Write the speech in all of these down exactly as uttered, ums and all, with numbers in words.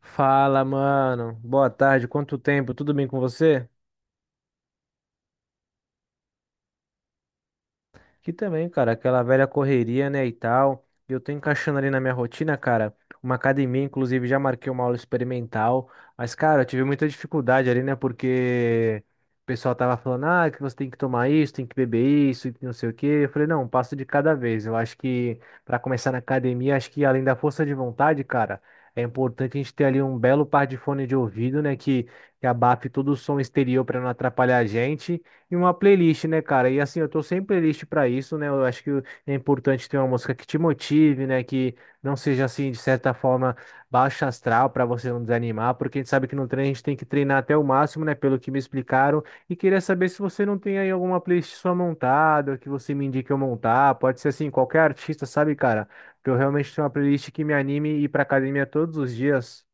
Fala, mano. Boa tarde. Quanto tempo? Tudo bem com você? Que também, cara, aquela velha correria, né, e tal. E Eu tô encaixando ali na minha rotina, cara, uma academia, inclusive já marquei uma aula experimental. Mas, cara, eu tive muita dificuldade ali, né, porque o pessoal tava falando, ah, que você tem que tomar isso, tem que beber isso, e não sei o quê. Eu falei, não, um passo de cada vez. Eu acho que pra começar na academia, acho que além da força de vontade, cara, é importante a gente ter ali um belo par de fone de ouvido, né, que, que abafe todo o som exterior pra não atrapalhar a gente. E uma playlist, né, cara? E assim, eu tô sem playlist pra isso, né? Eu acho que é importante ter uma música que te motive, né? Que não seja assim, de certa forma, baixa astral pra você não desanimar, porque a gente sabe que no treino a gente tem que treinar até o máximo, né? Pelo que me explicaram. E queria saber se você não tem aí alguma playlist sua montada, que você me indique eu montar. Pode ser assim, qualquer artista, sabe, cara? Porque eu realmente tenho uma playlist que me anime e ir pra academia todos os dias.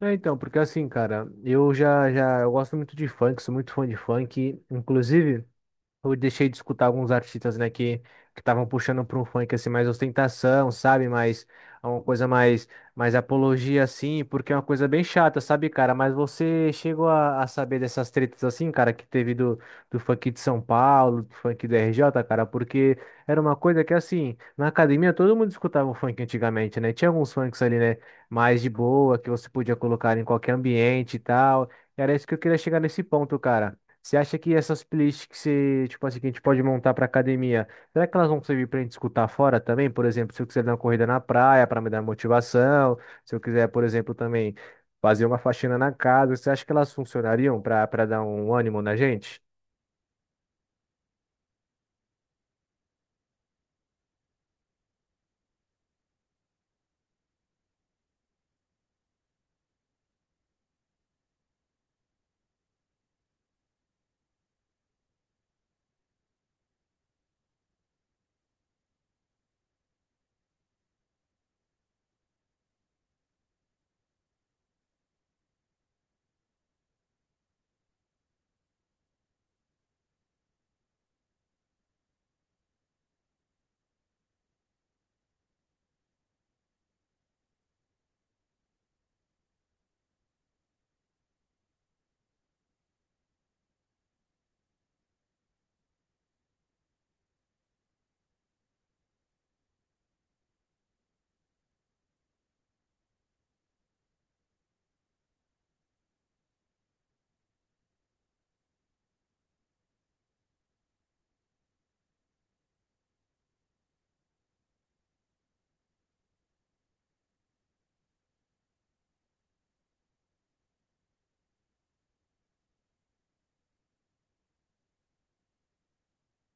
É, então, porque assim, cara, eu já, já, eu gosto muito de funk, sou muito fã de funk, inclusive. Eu deixei de escutar alguns artistas, né, que que estavam puxando para um funk assim mais ostentação, sabe? Mais é uma coisa mais mais apologia assim, porque é uma coisa bem chata, sabe, cara? Mas você chegou a, a saber dessas tretas assim, cara, que teve do do funk de São Paulo, do funk do R J, cara, porque era uma coisa que assim, na academia todo mundo escutava o funk antigamente, né? Tinha alguns funks ali, né, mais de boa, que você podia colocar em qualquer ambiente e tal. Era isso que eu queria chegar nesse ponto, cara. Você acha que essas playlists que você, tipo assim, que a gente pode montar para academia, será que elas vão servir para a gente escutar fora também? Por exemplo, se eu quiser dar uma corrida na praia para me dar motivação, se eu quiser, por exemplo, também fazer uma faxina na casa, você acha que elas funcionariam para para dar um ânimo na gente?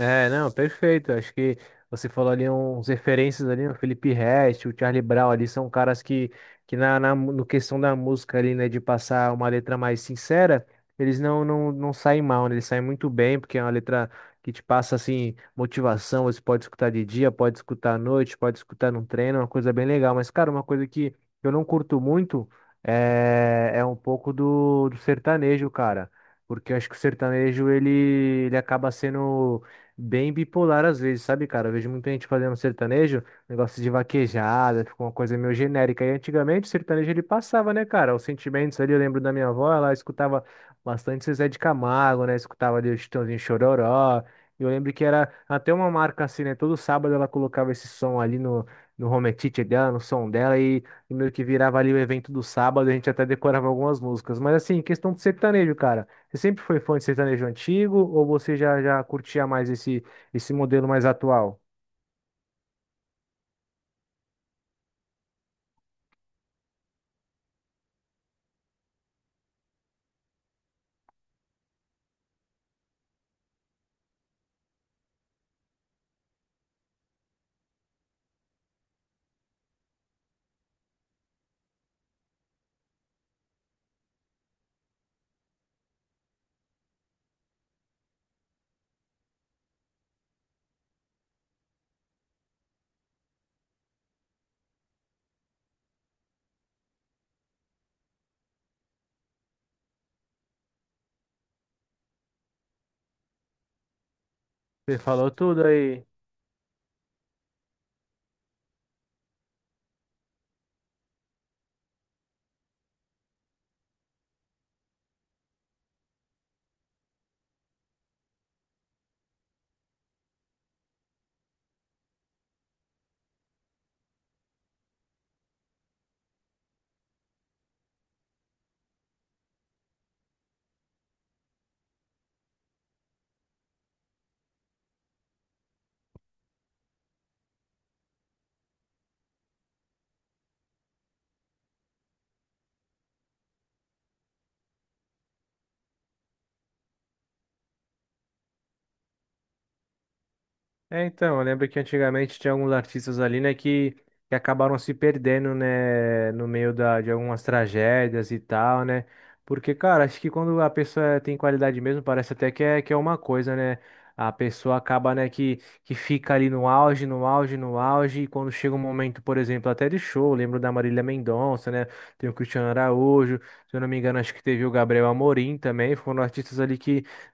É, não, perfeito. Acho que você falou ali uns referências ali, o Felipe Ret, o Charlie Brown ali, são caras que, que na, na mu- no questão da música ali, né, de passar uma letra mais sincera, eles não, não, não saem mal, né? Eles saem muito bem, porque é uma letra que te passa, assim, motivação. Você pode escutar de dia, pode escutar à noite, pode escutar num treino, é uma coisa bem legal. Mas, cara, uma coisa que eu não curto muito é, é um pouco do, do sertanejo, cara. Porque eu acho que o sertanejo, ele, ele acaba sendo bem bipolar às vezes, sabe, cara? Eu vejo muita gente fazendo sertanejo, negócio de vaquejada, ficou uma coisa meio genérica. E antigamente o sertanejo ele passava, né, cara? Os sentimentos ali, eu lembro da minha avó, ela escutava bastante Zezé de Camargo, né? Escutava ali o Chitãozinho Chororó. E eu lembro que era até uma marca assim, né? Todo sábado ela colocava esse som ali no, no home theater dela, no som dela, e, e meio que virava ali o evento do sábado, a gente até decorava algumas músicas. Mas assim, questão do sertanejo, cara. Você sempre foi fã de sertanejo antigo ou você já, já curtia mais esse, esse modelo mais atual? Você falou tudo aí. É, então, eu lembro que antigamente tinha alguns artistas ali, né, que, que acabaram se perdendo, né, no meio da, de algumas tragédias e tal, né? Porque, cara, acho que quando a pessoa tem qualidade mesmo, parece até que é, que é uma coisa, né? A pessoa acaba, né, que, que fica ali no auge, no auge, no auge, e quando chega um momento, por exemplo, até de show, eu lembro da Marília Mendonça, né? Tem o Cristiano Araújo, se eu não me engano, acho que teve o Gabriel Amorim também, foram artistas ali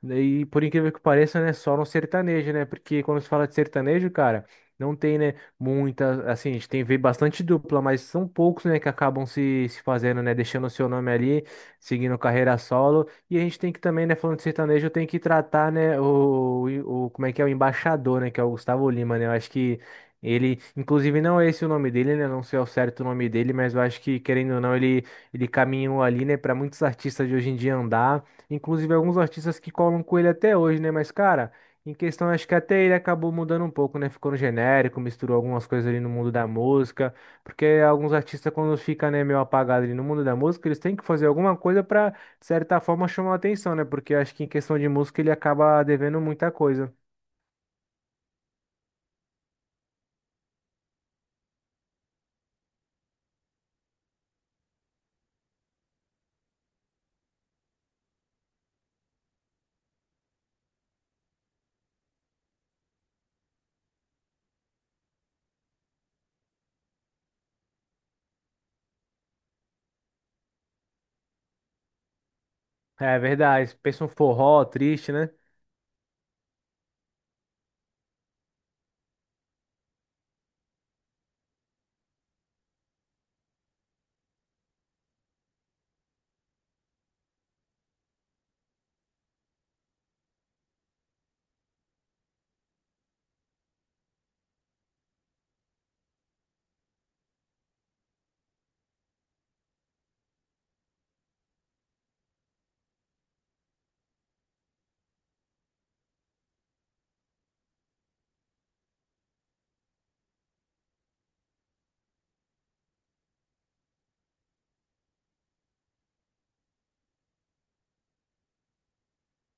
e por incrível que pareça, né, só no sertanejo, né? Porque quando se fala de sertanejo, cara, não tem, né, muita, assim, a gente tem vê bastante dupla, mas são poucos, né, que acabam se, se fazendo, né, deixando o seu nome ali, seguindo carreira solo. E a gente tem que também, né, falando de sertanejo, tem que tratar, né, o, o como é que é o embaixador, né, que é o Gustavo Lima, né? Eu acho que ele, inclusive, não é esse o nome dele, né? Não sei ao certo o nome dele, mas eu acho que, querendo ou não, ele, ele caminhou ali, né, para muitos artistas de hoje em dia andar. Inclusive alguns artistas que colam com ele até hoje, né? Mas, cara, em questão, acho que até ele acabou mudando um pouco, né? Ficou no genérico, misturou algumas coisas ali no mundo da música. Porque alguns artistas, quando fica, né, meio apagado ali no mundo da música, eles têm que fazer alguma coisa pra, de certa forma, chamar a atenção, né? Porque acho que em questão de música ele acaba devendo muita coisa. É verdade. Pensa um forró triste, né?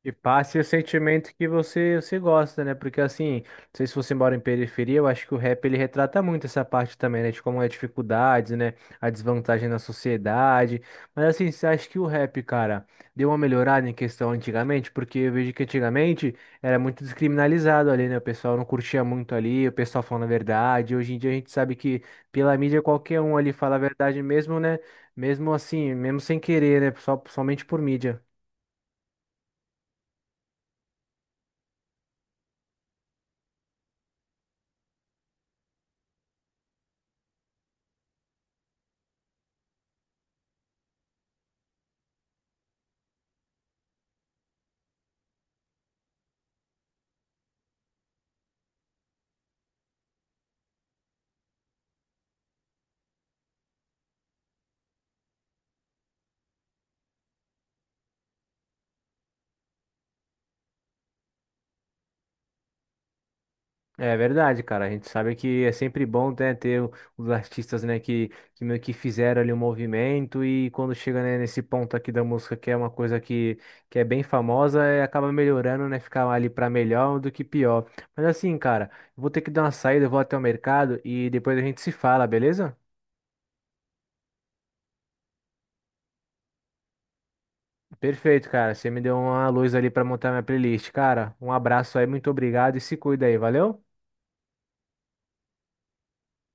E passe o sentimento que você, você gosta, né? Porque assim, não sei se você mora em periferia, eu acho que o rap ele retrata muito essa parte também, né? De como é a dificuldade, né? A desvantagem na sociedade. Mas assim, você acha que o rap, cara, deu uma melhorada em questão antigamente? Porque eu vejo que antigamente era muito descriminalizado ali, né? O pessoal não curtia muito ali, o pessoal falando a verdade. Hoje em dia a gente sabe que pela mídia qualquer um ali fala a verdade mesmo, né? Mesmo assim, mesmo sem querer, né? Só, somente por mídia. É verdade, cara. A gente sabe que é sempre bom, né, ter o- os artistas, né, que, que meio que fizeram ali um movimento e quando chega, né, nesse ponto aqui da música, que é uma coisa que, que é bem famosa, é, acaba melhorando, né, ficar ali pra melhor do que pior. Mas assim, cara, eu vou ter que dar uma saída, eu vou até o mercado e depois a gente se fala, beleza? Perfeito, cara. Você me deu uma luz ali pra montar minha playlist, cara. Um abraço aí, muito obrigado e se cuida aí, valeu?